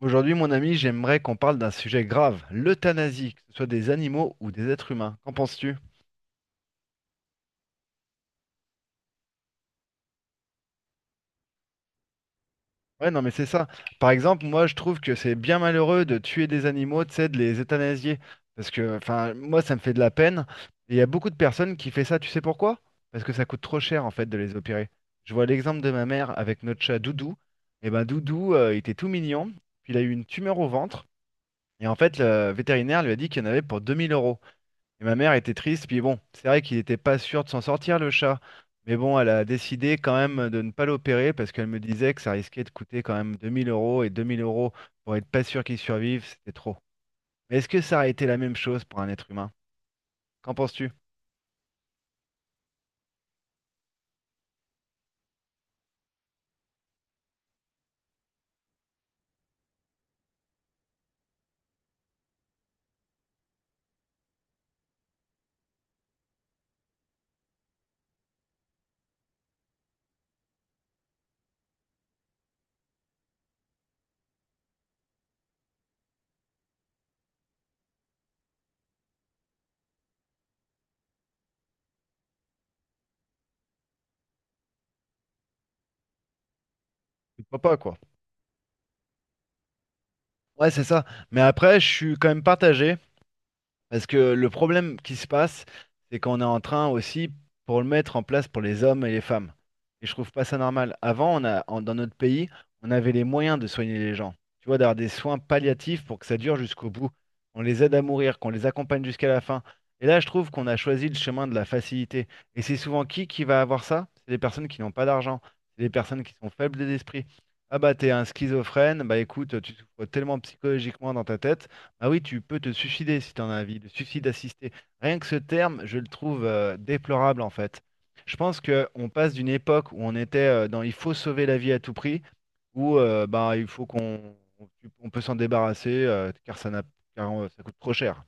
Aujourd'hui, mon ami, j'aimerais qu'on parle d'un sujet grave, l'euthanasie, que ce soit des animaux ou des êtres humains. Qu'en penses-tu? Ouais, non, mais c'est ça. Par exemple, moi, je trouve que c'est bien malheureux de tuer des animaux, tu sais, de les euthanasier. Parce que, enfin, moi, ça me fait de la peine. Et il y a beaucoup de personnes qui fait ça, tu sais pourquoi? Parce que ça coûte trop cher, en fait, de les opérer. Je vois l'exemple de ma mère avec notre chat Doudou. Et ben, Doudou, il était tout mignon. Puis il a eu une tumeur au ventre. Et en fait, le vétérinaire lui a dit qu'il y en avait pour 2000 euros. Et ma mère était triste, puis bon, c'est vrai qu'il n'était pas sûr de s'en sortir le chat. Mais bon, elle a décidé quand même de ne pas l'opérer parce qu'elle me disait que ça risquait de coûter quand même 2000 euros et 2000 euros pour être pas sûr qu'il survive, c'était trop. Mais est-ce que ça aurait été la même chose pour un être humain? Qu'en penses-tu? Je ne crois pas, quoi. Ouais, c'est ça. Mais après, je suis quand même partagé, parce que le problème qui se passe, c'est qu'on est en train aussi pour le mettre en place pour les hommes et les femmes. Et je trouve pas ça normal. Avant, dans notre pays, on avait les moyens de soigner les gens. Tu vois, d'avoir des soins palliatifs pour que ça dure jusqu'au bout. On les aide à mourir, qu'on les accompagne jusqu'à la fin. Et là, je trouve qu'on a choisi le chemin de la facilité. Et c'est souvent qui va avoir ça? C'est les personnes qui n'ont pas d'argent. C'est les personnes qui sont faibles d'esprit. Ah bah t'es un schizophrène, bah écoute, tu souffres tellement psychologiquement dans ta tête. Ah oui, tu peux te suicider si tu en as envie, le suicide assisté. Rien que ce terme, je le trouve déplorable en fait. Je pense qu'on passe d'une époque où on était, dans il faut sauver la vie à tout prix, où bah, il faut qu'on on peut s'en débarrasser, car, ça coûte trop cher.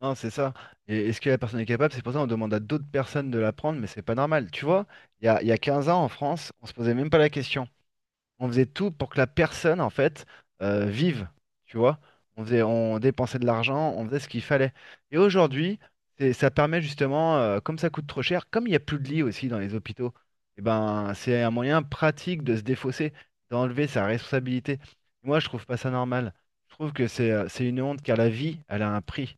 Non, c'est ça. Et est-ce que la personne est capable? C'est pour ça qu'on demande à d'autres personnes de la prendre, mais c'est pas normal. Tu vois, il y a 15 ans en France, on se posait même pas la question. On faisait tout pour que la personne, en fait, vive, tu vois. On faisait, on dépensait de l'argent, on faisait ce qu'il fallait. Et aujourd'hui, ça permet justement, comme ça coûte trop cher, comme il n'y a plus de lits aussi dans les hôpitaux, et ben, c'est un moyen pratique de se défausser, d'enlever sa responsabilité. Moi, je trouve pas ça normal. Je trouve que c'est une honte, car la vie, elle a un prix,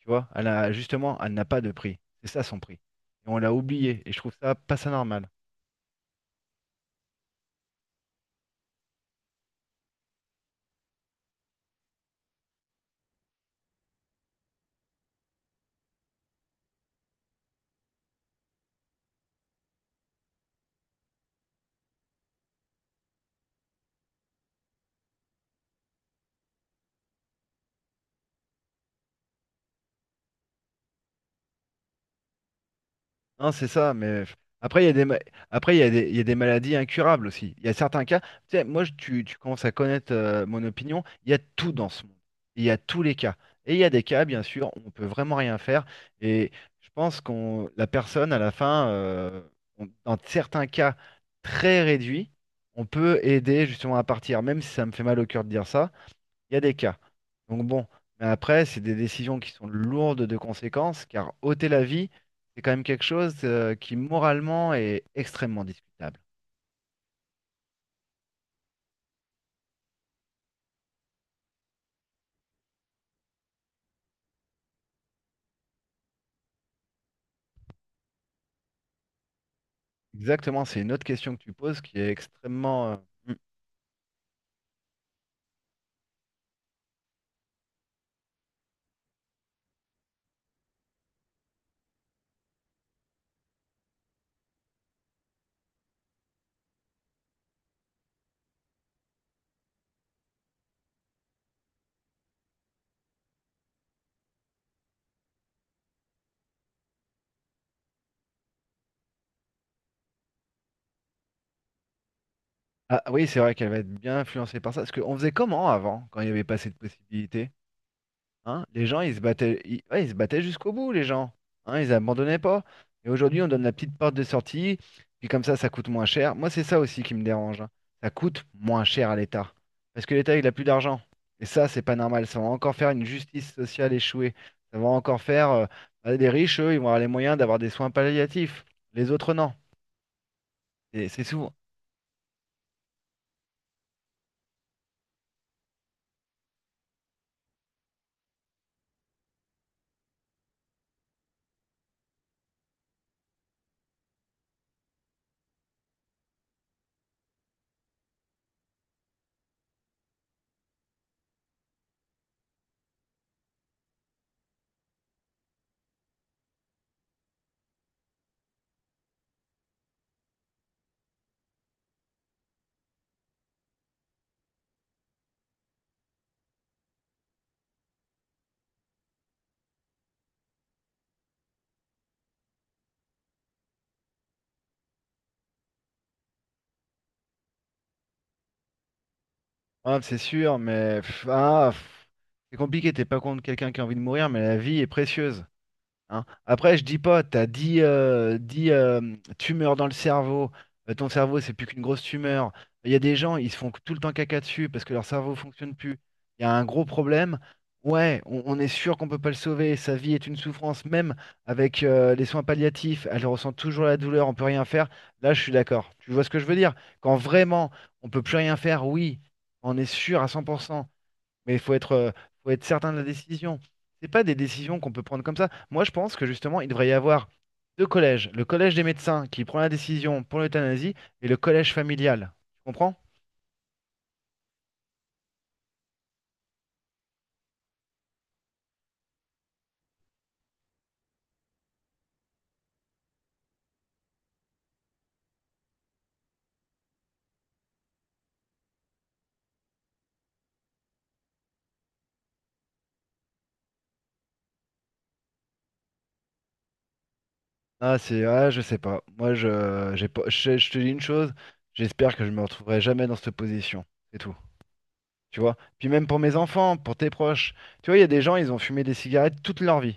tu vois. Elle a, justement, elle n'a pas de prix. C'est ça son prix. Et on l'a oublié. Et je trouve ça pas ça normal. Non, c'est ça, mais après, il y a des, ma- après, il y a des maladies incurables aussi. Il y a certains cas, tu sais, moi, tu commences à connaître, mon opinion, il y a tout dans ce monde. Il y a tous les cas. Et il y a des cas, bien sûr, où on peut vraiment rien faire. Et je pense qu'on, la personne, à la fin, dans certains cas très réduits, on peut aider justement à partir, même si ça me fait mal au cœur de dire ça, il y a des cas. Donc bon, mais après, c'est des décisions qui sont lourdes de conséquences, car ôter la vie, c'est quand même quelque chose qui moralement est extrêmement discutable. Exactement, c'est une autre question que tu poses qui est extrêmement. Hmm. Ah oui, c'est vrai qu'elle va être bien influencée par ça, parce qu'on faisait comment avant, quand il n'y avait pas cette possibilité? Hein, les gens, ils se battaient, ils, ouais, ils se battaient jusqu'au bout, les gens. Hein, ils abandonnaient pas. Et aujourd'hui, on donne la petite porte de sortie, puis comme ça coûte moins cher. Moi, c'est ça aussi qui me dérange, hein. Ça coûte moins cher à l'État. Parce que l'État, il a plus d'argent. Et ça, c'est pas normal. Ça va encore faire une justice sociale échouée. Ça va encore faire. Bah, les riches, eux, ils vont avoir les moyens d'avoir des soins palliatifs. Les autres, non. Et c'est souvent. Ah, c'est sûr, mais, pff, ah, pff, c'est compliqué. T'es pas contre quelqu'un qui a envie de mourir, mais la vie est précieuse, hein. Après, je dis pas, t'as 10 tumeurs dans le cerveau. Ton cerveau, c'est plus qu'une grosse tumeur. Il y a des gens, ils se font tout le temps caca dessus parce que leur cerveau fonctionne plus. Il y a un gros problème. Ouais, on est sûr qu'on peut pas le sauver. Sa vie est une souffrance, même avec, les soins palliatifs. Elle ressent toujours la douleur, on peut rien faire. Là, je suis d'accord. Tu vois ce que je veux dire? Quand vraiment on peut plus rien faire, oui, on est sûr à 100%. Mais faut être certain de la décision. C'est pas des décisions qu'on peut prendre comme ça. Moi, je pense que justement, il devrait y avoir deux collèges. Le collège des médecins qui prend la décision pour l'euthanasie et le collège familial. Tu comprends? Ah, je sais pas. Moi, je, j'ai pas, je te dis une chose, j'espère que je me retrouverai jamais dans cette position. C'est tout, tu vois. Puis même pour mes enfants, pour tes proches. Tu vois, il y a des gens, ils ont fumé des cigarettes toute leur vie.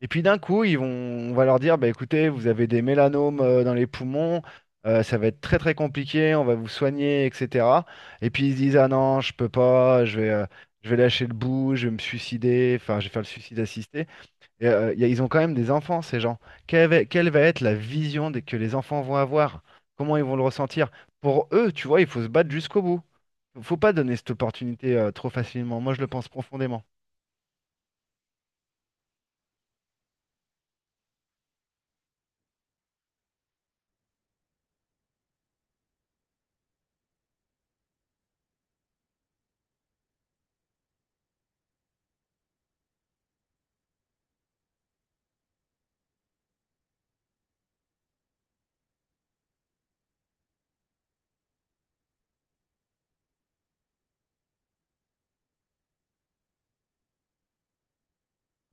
Et puis d'un coup, on va leur dire, bah écoutez, vous avez des mélanomes dans les poumons, ça va être très très compliqué, on va vous soigner, etc. Et puis ils se disent, ah non, je peux pas, je vais lâcher le bout, je vais me suicider, enfin, je vais faire le suicide assisté. Et, ils ont quand même des enfants, ces gens. Quelle va être la vision que les enfants vont avoir? Comment ils vont le ressentir? Pour eux, tu vois, il faut se battre jusqu'au bout. Faut pas donner cette opportunité trop facilement. Moi, je le pense profondément.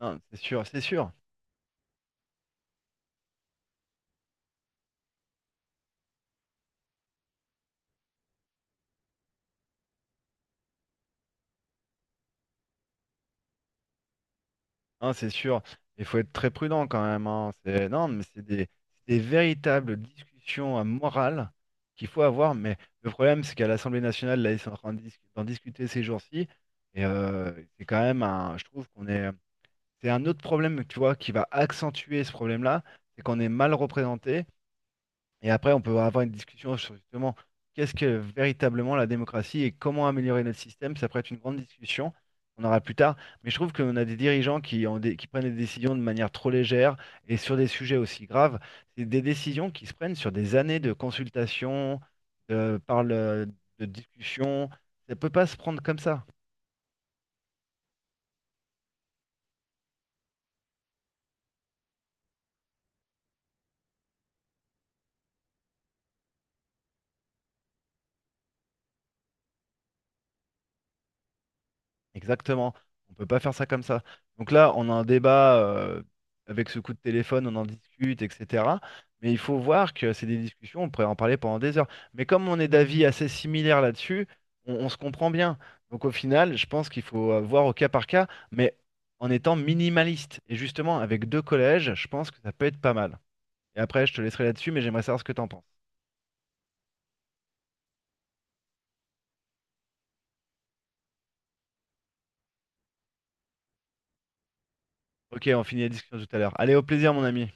Non, c'est sûr, c'est sûr. Hein, c'est sûr. Il faut être très prudent quand même, hein. C'est, non, mais c'est des véritables discussions, morales, qu'il faut avoir. Mais le problème, c'est qu'à l'Assemblée nationale, là, ils sont en train d'en discuter ces jours-ci. Et c'est quand même un. Je trouve qu'on est. C'est un autre problème, tu vois, qui va accentuer ce problème-là, c'est qu'on est mal représenté. Et après, on peut avoir une discussion sur justement qu'est-ce que véritablement la démocratie et comment améliorer notre système. Ça pourrait être une grande discussion. On aura plus tard. Mais je trouve qu'on a des dirigeants qui prennent des décisions de manière trop légère et sur des sujets aussi graves. C'est des décisions qui se prennent sur des années de consultation, de, par le- de discussion. Ça ne peut pas se prendre comme ça. Exactement. On peut pas faire ça comme ça. Donc là, on a un débat, avec ce coup de téléphone, on en discute, etc. Mais il faut voir que c'est des discussions, on pourrait en parler pendant des heures. Mais comme on est d'avis assez similaires là-dessus, on se comprend bien. Donc au final, je pense qu'il faut, voir au cas par cas, mais en étant minimaliste. Et justement, avec deux collèges, je pense que ça peut être pas mal. Et après, je te laisserai là-dessus, mais j'aimerais savoir ce que t'en penses. Ok, on finit la discussion tout à l'heure. Allez, au plaisir, mon ami.